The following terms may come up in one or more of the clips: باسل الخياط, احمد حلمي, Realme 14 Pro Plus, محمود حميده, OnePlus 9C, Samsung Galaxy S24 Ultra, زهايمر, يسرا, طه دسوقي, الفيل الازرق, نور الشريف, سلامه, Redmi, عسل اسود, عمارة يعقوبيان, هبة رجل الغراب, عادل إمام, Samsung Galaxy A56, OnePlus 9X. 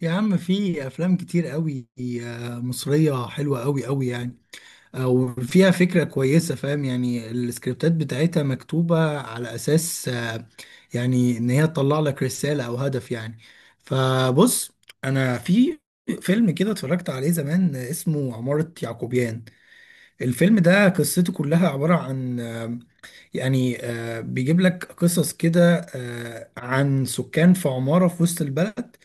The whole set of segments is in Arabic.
يا عم، في افلام كتير قوي، مصريه حلوه قوي قوي. يعني وفيها فكره كويسه. فاهم؟ يعني السكريبتات بتاعتها مكتوبه على اساس يعني ان هي تطلع لك رساله او هدف يعني. فبص، انا في فيلم كده اتفرجت عليه زمان اسمه عمارة يعقوبيان. الفيلم ده قصته كلها عبارة عن بيجيب لك قصص كده عن سكان في عمارة في وسط البلد.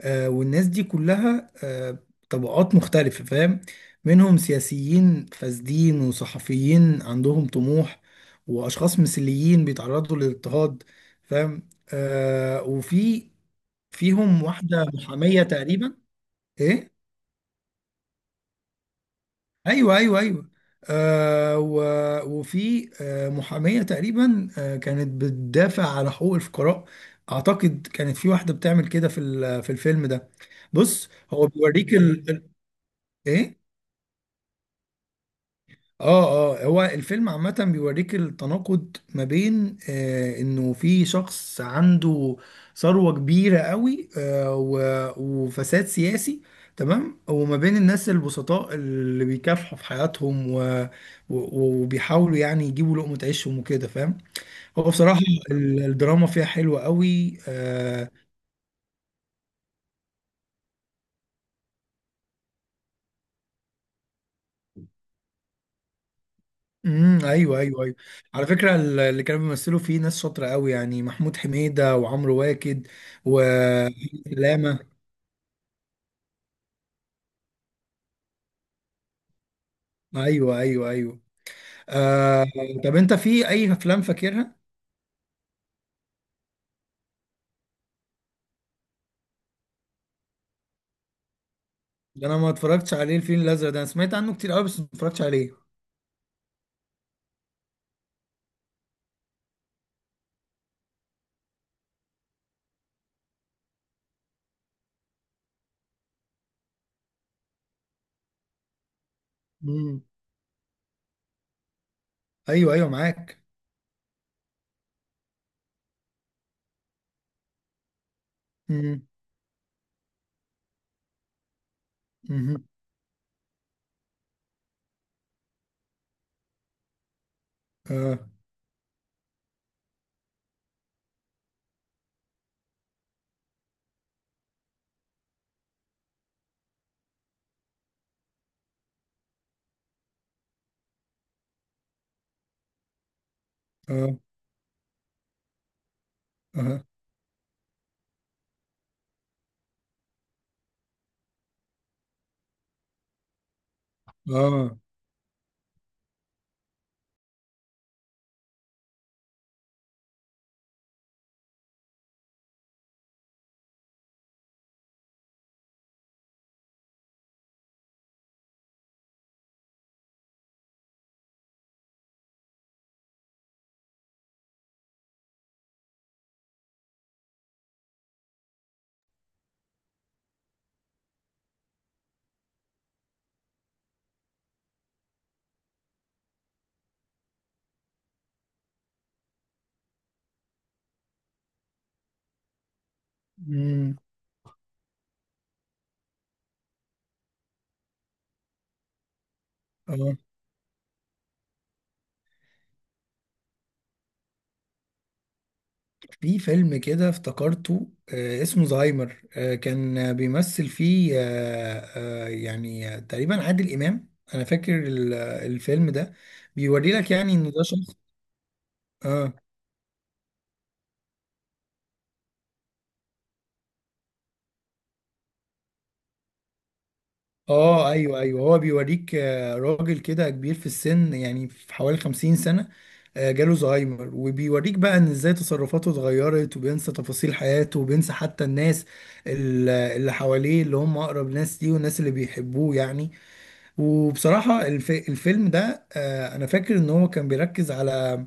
والناس دي كلها طبقات مختلفة. فاهم؟ منهم سياسيين فاسدين، وصحفيين عندهم طموح، وأشخاص مثليين بيتعرضوا للاضطهاد. فاهم؟ آه، وفي فيهم واحدة محامية تقريبا. إيه؟ أيوه أيوه أيوه. آه و... وفي محامية تقريبا كانت بتدافع على حقوق الفقراء. أعتقد كانت في واحدة بتعمل كده في الفيلم ده. بص، هو بيوريك إيه، اه اه. هو الفيلم عامة بيوريك التناقض ما بين انه في شخص عنده ثروة كبيرة قوي، وفساد سياسي. تمام. وما بين الناس البسطاء اللي بيكافحوا في حياتهم وبيحاولوا يعني يجيبوا لقمة عيشهم وكده. فاهم؟ هو بصراحة الدراما فيها حلوة قوي امم، ايوه ايوه ايوه. على فكره، اللي كانوا بيمثلوا فيه ناس شاطره قوي يعني، محمود حميده وعمرو واكد و سلامه. ايوه ايوه ايوه. آه. طب انت في اي افلام فاكرها؟ ده انا ما اتفرجتش عليه، الفيل الازرق ده انا سمعت عنه كتير قوي بس ما اتفرجتش عليه. امم. ايوه ايوه معاك. امم. امم. اه اه اه اه. امم. اه. في فيلم كده افتكرته اسمه زهايمر. كان بيمثل فيه تقريبا عادل إمام. أنا فاكر الفيلم ده بيوري لك يعني إن ده شخص. آه آه، أيوه أيوه. هو بيوريك راجل كده كبير في السن يعني في حوالي 50 سنة. جاله زهايمر وبيوريك بقى إن إزاي تصرفاته اتغيرت، وبينسى تفاصيل حياته، وبينسى حتى الناس اللي حواليه، اللي هم أقرب ناس ليه والناس اللي بيحبوه يعني. وبصراحة الفيلم ده أنا فاكر إن هو كان بيركز على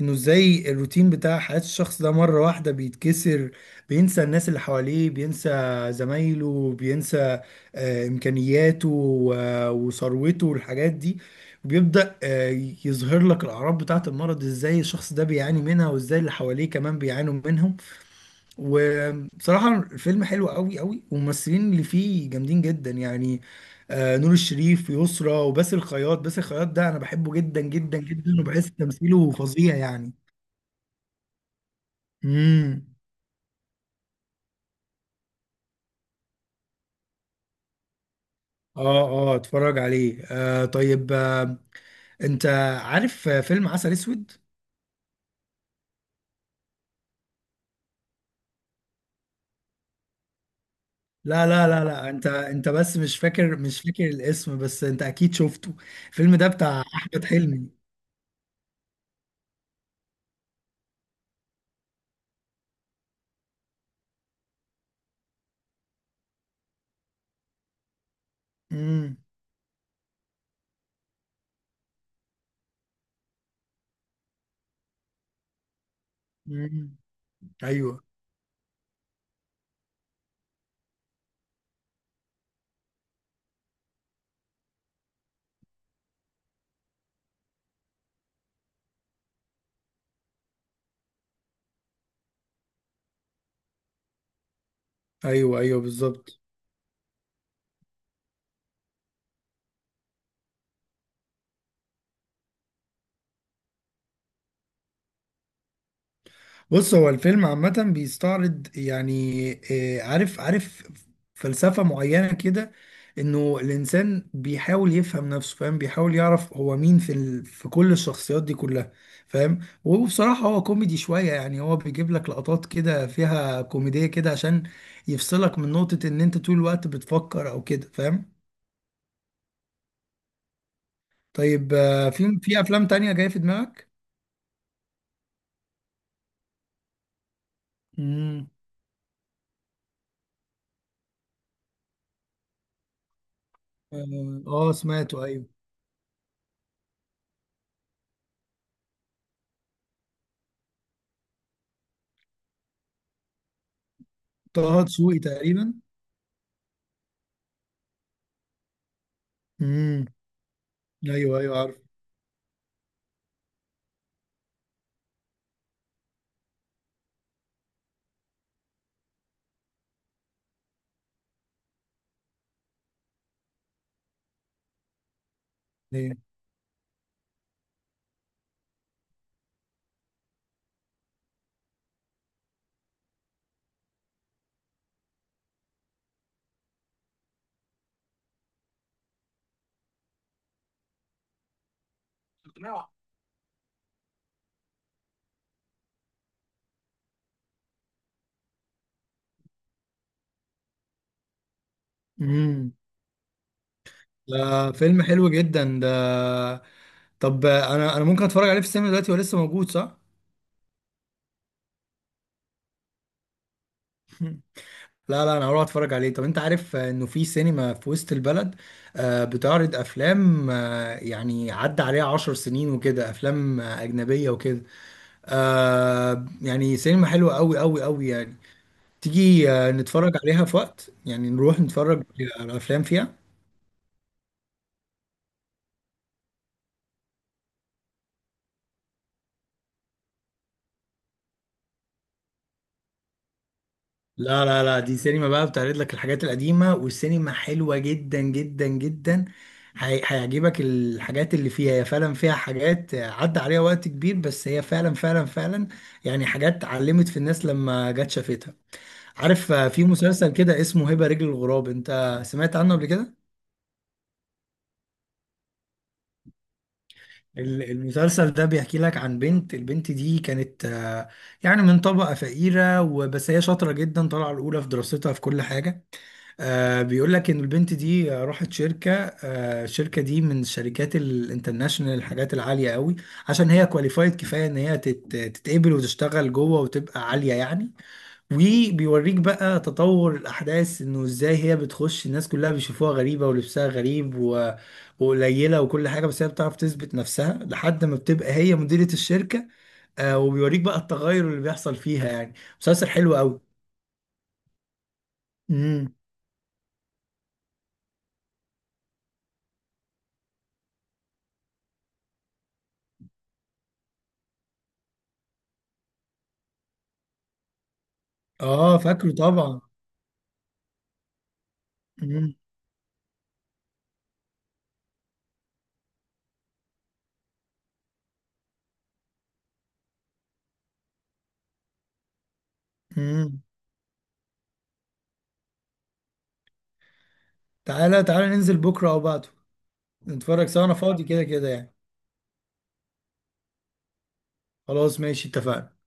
إنه إزاي الروتين بتاع حياة الشخص ده مرة واحدة بيتكسر. بينسى الناس اللي حواليه، بينسى زمايله، بينسى إمكانياته وثروته والحاجات دي. وبيبدأ يظهر لك الأعراض بتاعة المرض، إزاي الشخص ده بيعاني منها وإزاي اللي حواليه كمان بيعانوا منهم. وبصراحة الفيلم حلو قوي قوي، والممثلين اللي فيه جامدين جدا يعني. آه، نور الشريف، يسرا، وباسل الخياط. باسل الخياط ده انا بحبه جدا جدا جدا، وبحس تمثيله فظيع يعني. امم. اه اه، اتفرج عليه. آه طيب، انت عارف فيلم عسل اسود؟ لا لا لا لا، انت بس مش فاكر، مش فاكر الاسم، بس انت اكيد شفته. الفيلم ده بتاع احمد حلمي. امم. امم. ايوه ايوه ايوه بالظبط. بص، هو الفيلم عامة بيستعرض يعني عارف عارف فلسفة معينة كده. انه الانسان بيحاول يفهم نفسه. فاهم؟ بيحاول يعرف هو مين في كل الشخصيات دي كلها. فاهم؟ وبصراحة هو كوميدي شوية يعني، هو بيجيب لك لقطات كده فيها كوميدية كده عشان يفصلك من نقطة ان انت طول الوقت بتفكر او كده. فاهم؟ طيب في افلام تانية جاية في دماغك؟ امم. اه. سمعته، ايوه. طه دسوقي تقريبا. امم، ايوه ايوه عارف. ايه، اقنعه. امم. ده فيلم حلو جدا ده. طب انا ممكن اتفرج عليه في السينما دلوقتي؟ هو لسه موجود صح؟ لا لا، انا هروح اتفرج عليه. طب انت عارف انه في سينما في وسط البلد بتعرض افلام يعني عدى عليها 10 سنين وكده، افلام اجنبية وكده. يعني سينما حلوة قوي قوي قوي يعني. تيجي نتفرج عليها في وقت؟ يعني نروح نتفرج على افلام فيها. لا لا لا، دي سينما بقى بتعرض لك الحاجات القديمة، والسينما حلوة جدا جدا جدا. هيعجبك الحاجات اللي فيها. هي فعلا فيها حاجات عدى عليها وقت كبير، بس هي فعلا فعلا فعلا يعني حاجات علمت في الناس لما جت شافتها. عارف في مسلسل كده اسمه هبة رجل الغراب، انت سمعت عنه قبل كده؟ المسلسل ده بيحكي لك عن بنت. البنت دي كانت يعني من طبقة فقيرة، وبس هي شاطرة جدا طالعة الأولى في دراستها في كل حاجة. آه، بيقول لك ان البنت دي راحت شركه. الشركه دي من الشركات الانترناشونال، الحاجات العاليه قوي، عشان هي كواليفايد كفايه ان هي تتقبل وتشتغل جوه وتبقى عاليه يعني. وبيوريك بقى تطور الاحداث انه ازاي هي بتخش الناس كلها بيشوفوها غريبه ولبسها غريب وقليله وكل حاجه، بس هي بتعرف تثبت نفسها لحد ما بتبقى هي مديره الشركه. آه، وبيوريك بقى التغير اللي بيحصل فيها يعني. مسلسل حلو قوي. امم. اه، فاكره طبعا. امم. مم. تعالى تعالى ننزل بكرة أو بعده، نتفرج سوا. أنا فاضي كده كده يعني. خلاص، ماشي، اتفقنا.